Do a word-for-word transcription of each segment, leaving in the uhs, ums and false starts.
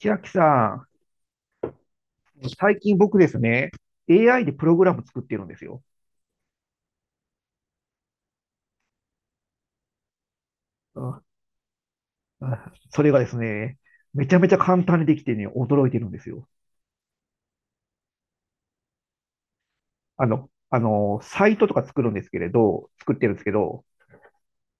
千秋さん、最近僕ですね、エーアイ でプログラム作ってるんですよ。ああ、それがですね、めちゃめちゃ簡単にできてね、驚いてるんですよ。あの、あの、サイトとか作るんですけれど、作ってるんですけど、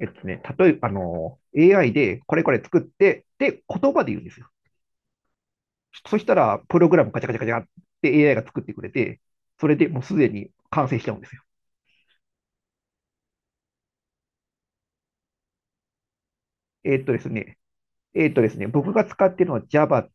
えっとね、例えば、あの、エーアイ でこれこれ作って、で、言葉で言うんですよ。そしたら、プログラムカチャカチャカチャって エーアイ が作ってくれて、それでもうすでに完成しちゃうんですよ。えっとですね、えっとですね、僕が使ってるのは Java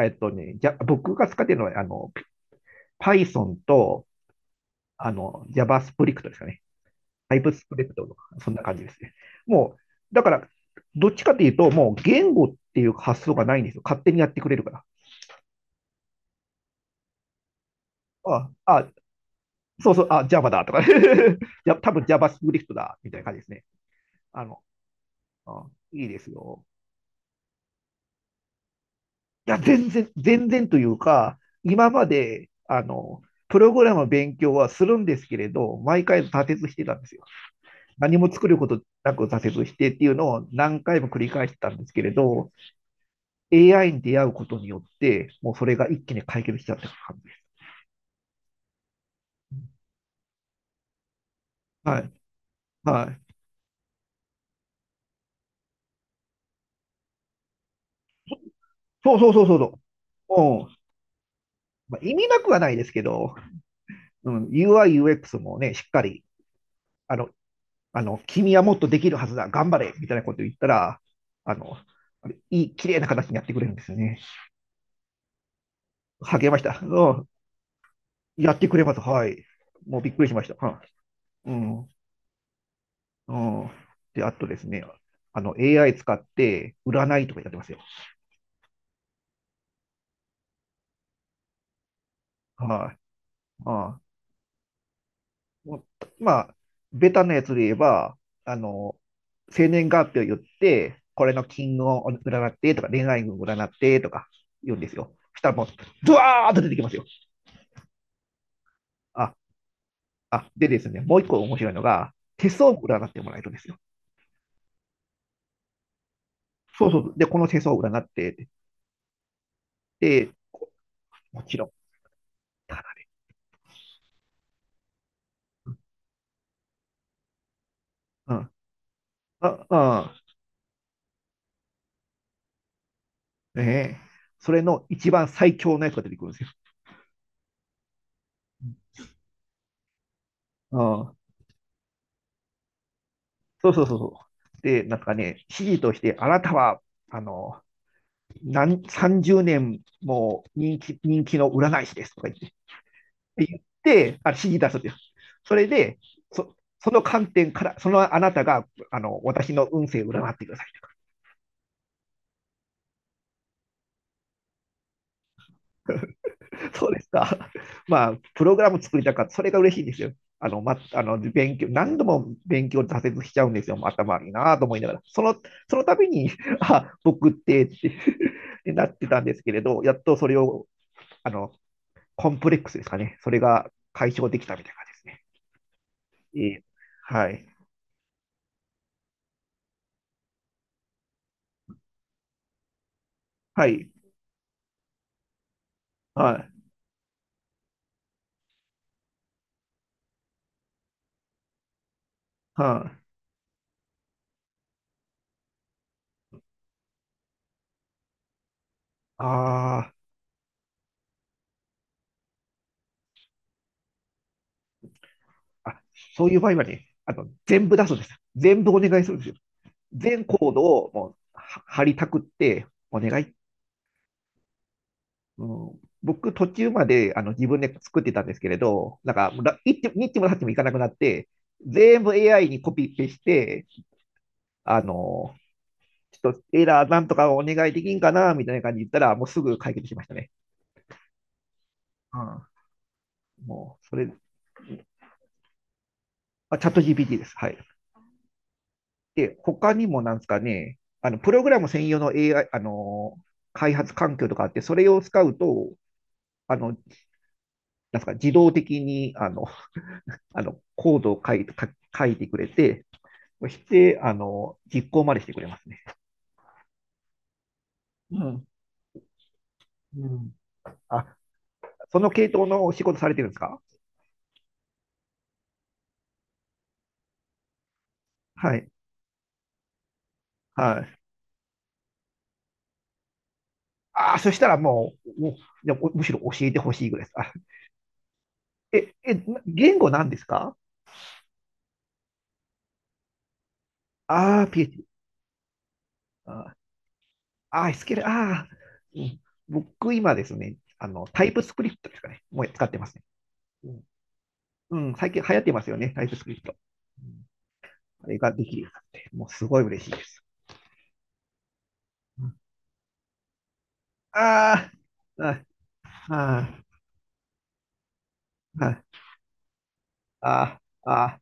えっとね、じゃ、僕が使ってるのは、あの、Python とあの JavaScript ですかね。TypeScript とかそんな感じですね。もう、だから、どっちかというと、もう言語っていう発想がないんですよ。勝手にやってくれるから。あ、あ、そうそう、あ、Java だとか、じゃ多分 JavaScript だ、みたいな感じですね。あの、あ、いいですよ。いや、全然、全然というか、今まで、あの、プログラムの勉強はするんですけれど、毎回挫折してたんですよ。何も作ることなく挫折してっていうのを何回も繰り返してたんですけれど、エーアイ に出会うことによって、もうそれが一気に解決しちゃった感じです。はい。はい。そうそうそうそうそう。うん。まあ、意味なくはないですけど、うん、ユーアイ、ユーエックス もね、しっかり、あの、あの、君はもっとできるはずだ、頑張れみたいなこと言ったら、あの、あれいい、綺麗な形にやってくれるんですよね。励ました。うん。やってくれます。はい。もうびっくりしました。はい、うん。うん。で、あとですね、あの、エーアイ 使って占いとかやってますよ。はい。まあもうまあ、ベタなやつで言えば、あの、生年月日を言って、これの金運を占ってとか、恋愛運を占ってとか言うんですよ。したらもう、ドワーッと出てきますよ。あ、あ、でですね、もう一個面白いのが、手相を占ってもらえるんですよ。そうそう。で、この手相を占って、で、こもちろん、ただ、うん。あ、ねえ、それの一番最強のやつが出てくるんですよ。うん、そうそうそうそう。で、なんかね、指示として、あなたは、あの、何、さんじゅうねんも人気、人気の占い師ですとか言って、言って、あ、指示出すんですよ。それで、そ、その観点から、そのあなたが、あの、私の運勢を占ってください。そうですか。まあ、プログラム作りたかった。それが嬉しいんですよ。あの、ま、あの、勉強、何度も勉強挫折しちゃうんですよ。頭悪いなぁと思いながら。その、その度に、あ、僕ってってって なってたんですけれど、やっとそれを、あの、コンプレックスですかね。それが解消できたみたいな感じですね。ええ、はい。はい。はい。はい。あーあ、そういう場合はね、あの、全部出すんです。全部お願いするんですよ。全コードをもうは貼りたくって、お願いっうん、僕、途中まであの自分で作ってたんですけれど、なんか、ら一手二ちもさってもいかなくなって、全部 エーアイ にコピペして、あの、ちょっとエラーなんとかお願いできんかな、みたいな感じで言ったら、もうすぐ解決しましたね。うん、もう、それ、あ、チャット ジーピーティー です。はい。で、他にもなんですかね、あの、プログラム専用の エーアイ、あの、開発環境とかあって、それを使うと、あの、なんですか、自動的に、あの、あのコードを書い書書いてくれて、そして、あの、実行までしてくれますね。うん。うん。あ、その系統のお仕事されてるんですか？はい。はい。ああ、そしたらもう、もうじゃあむしろ教えてほしいぐらいです。あ、え、え、な言語なんですか？ああー、ピーエイチ。ああ、エスキューエル、ああ、うん、僕今ですね、あの、タイプスクリプトですかね。もう使ってますね。うん、うん、最近流行ってますよね、タイプスクリプト。うん、あれができるようになって、もうすごい嬉しいです。うん、ああ、ああ、ああ。あ、あ、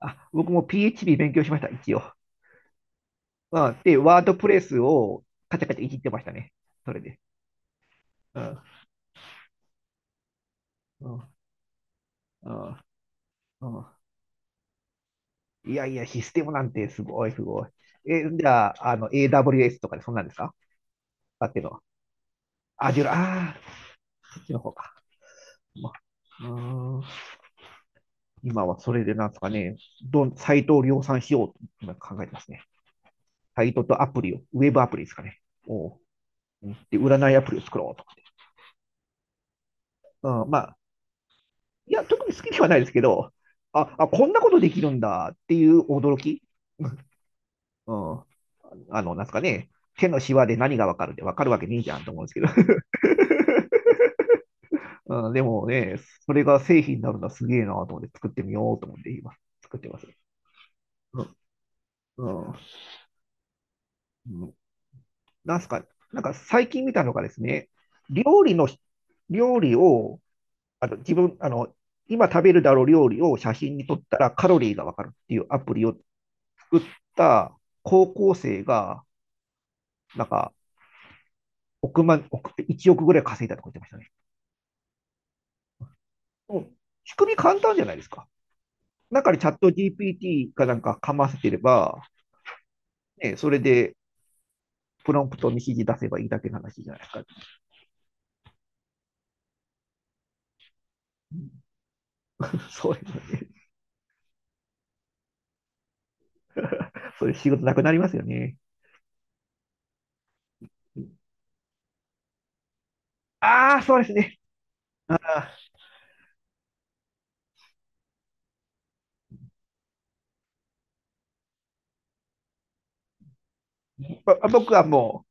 あ、僕も ピーエイチピー 勉強しました、一応。うん、で、ワードプレスをカチャカチャいじってましたね。それで。うん、うん、うん、うん。いやいや、システムなんてすごい、すごい。え、じゃあ、あの、エーダブリューエス とかでそんなんですか？だっていうのは。Azure、ジュラああ、そっちの方か。まあ、うーん、今はそれでなんですかね、どん、サイトを量産しようと今考えてますね。サイトとアプリを、ウェブアプリですかね。おううん、で、占いアプリを作ろうとか。うん、まあ、いや、特に好きではないですけど、あ、あ、こんなことできるんだっていう驚き。うん。あの、なんすかね、手のシワで何がわかるってわかるわけねえじゃんと思うんですけど。うん、でもね、それが製品になるのはすげえなと思って作ってみようと思って今作ってます。うん。うん。なんすか、なんか最近見たのがですね、料理の、料理を、あの自分、あの、今食べるだろう料理を写真に撮ったらカロリーがわかるっていうアプリを作った高校生が、なんか、億万、億、いちおくぐらい稼いだとか言ってましたね。うん、仕組み簡単じゃないですか。中にチャット ジーピーティー かなんかかませてれば、ね、それでプロンプトに指示出せばいいだけの話じゃないですか。そういう、そういう仕事なくなりますよね。ああ、そうですね。あ僕はも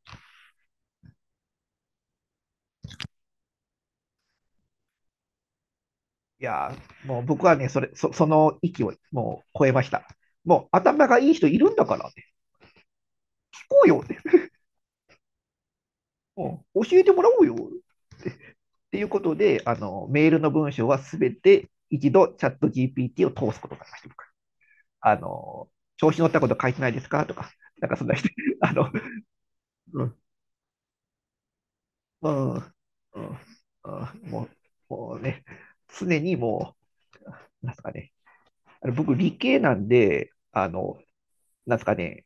う、いやもう僕はね、それ、そ、その域をもう超えました。もう頭がいい人いるんだから、ね、聞こうよって。ね、教えてもらおうよ。っていうことで、あの、メールの文章はすべて一度チャット ジーピーティー を通すことになりました、僕。あの、調子乗ったこと書いてないですかとか、なんかそんな人、あの、うん、うん、うん、うん、もう、もうね、常にもう、なんすかね、あの僕理系なんで、あの、なんすかね、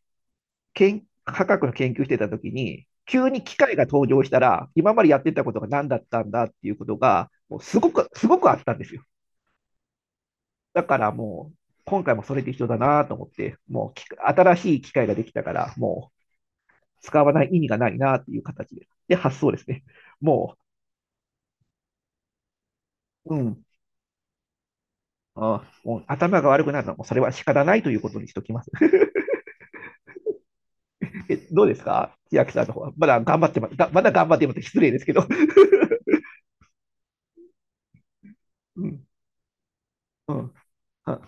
けん科学の研究してた時に、急に機械が登場したら、今までやってたことが何だったんだっていうことが、もうすごく、すごくあったんですよ。だからもう、今回もそれで一緒だなと思って、もう新しい機械ができたから、もう、使わない意味がないなっていう形で。で、発想ですね。もう、うん。あもう頭が悪くなるのはもうそれは仕方ないということにしておきます。どうですか千秋さんの方は？まだ頑張ってまだ、まだ頑張ってます。失礼ですけど。うん。うん。あ、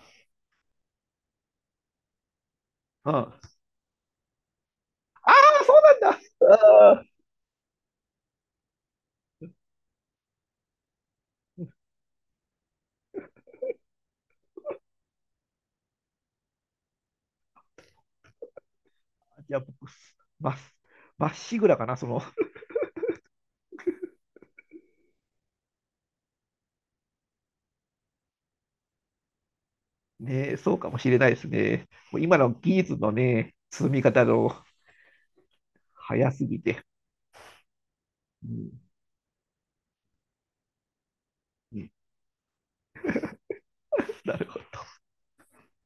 うん、あそうなんだ。あじゃあ僕、まっ、まっしぐらかな。その、ね、そうかもしれないですね。もう今の技術のね、積み方の早すぎて。うん、うん、なるほど。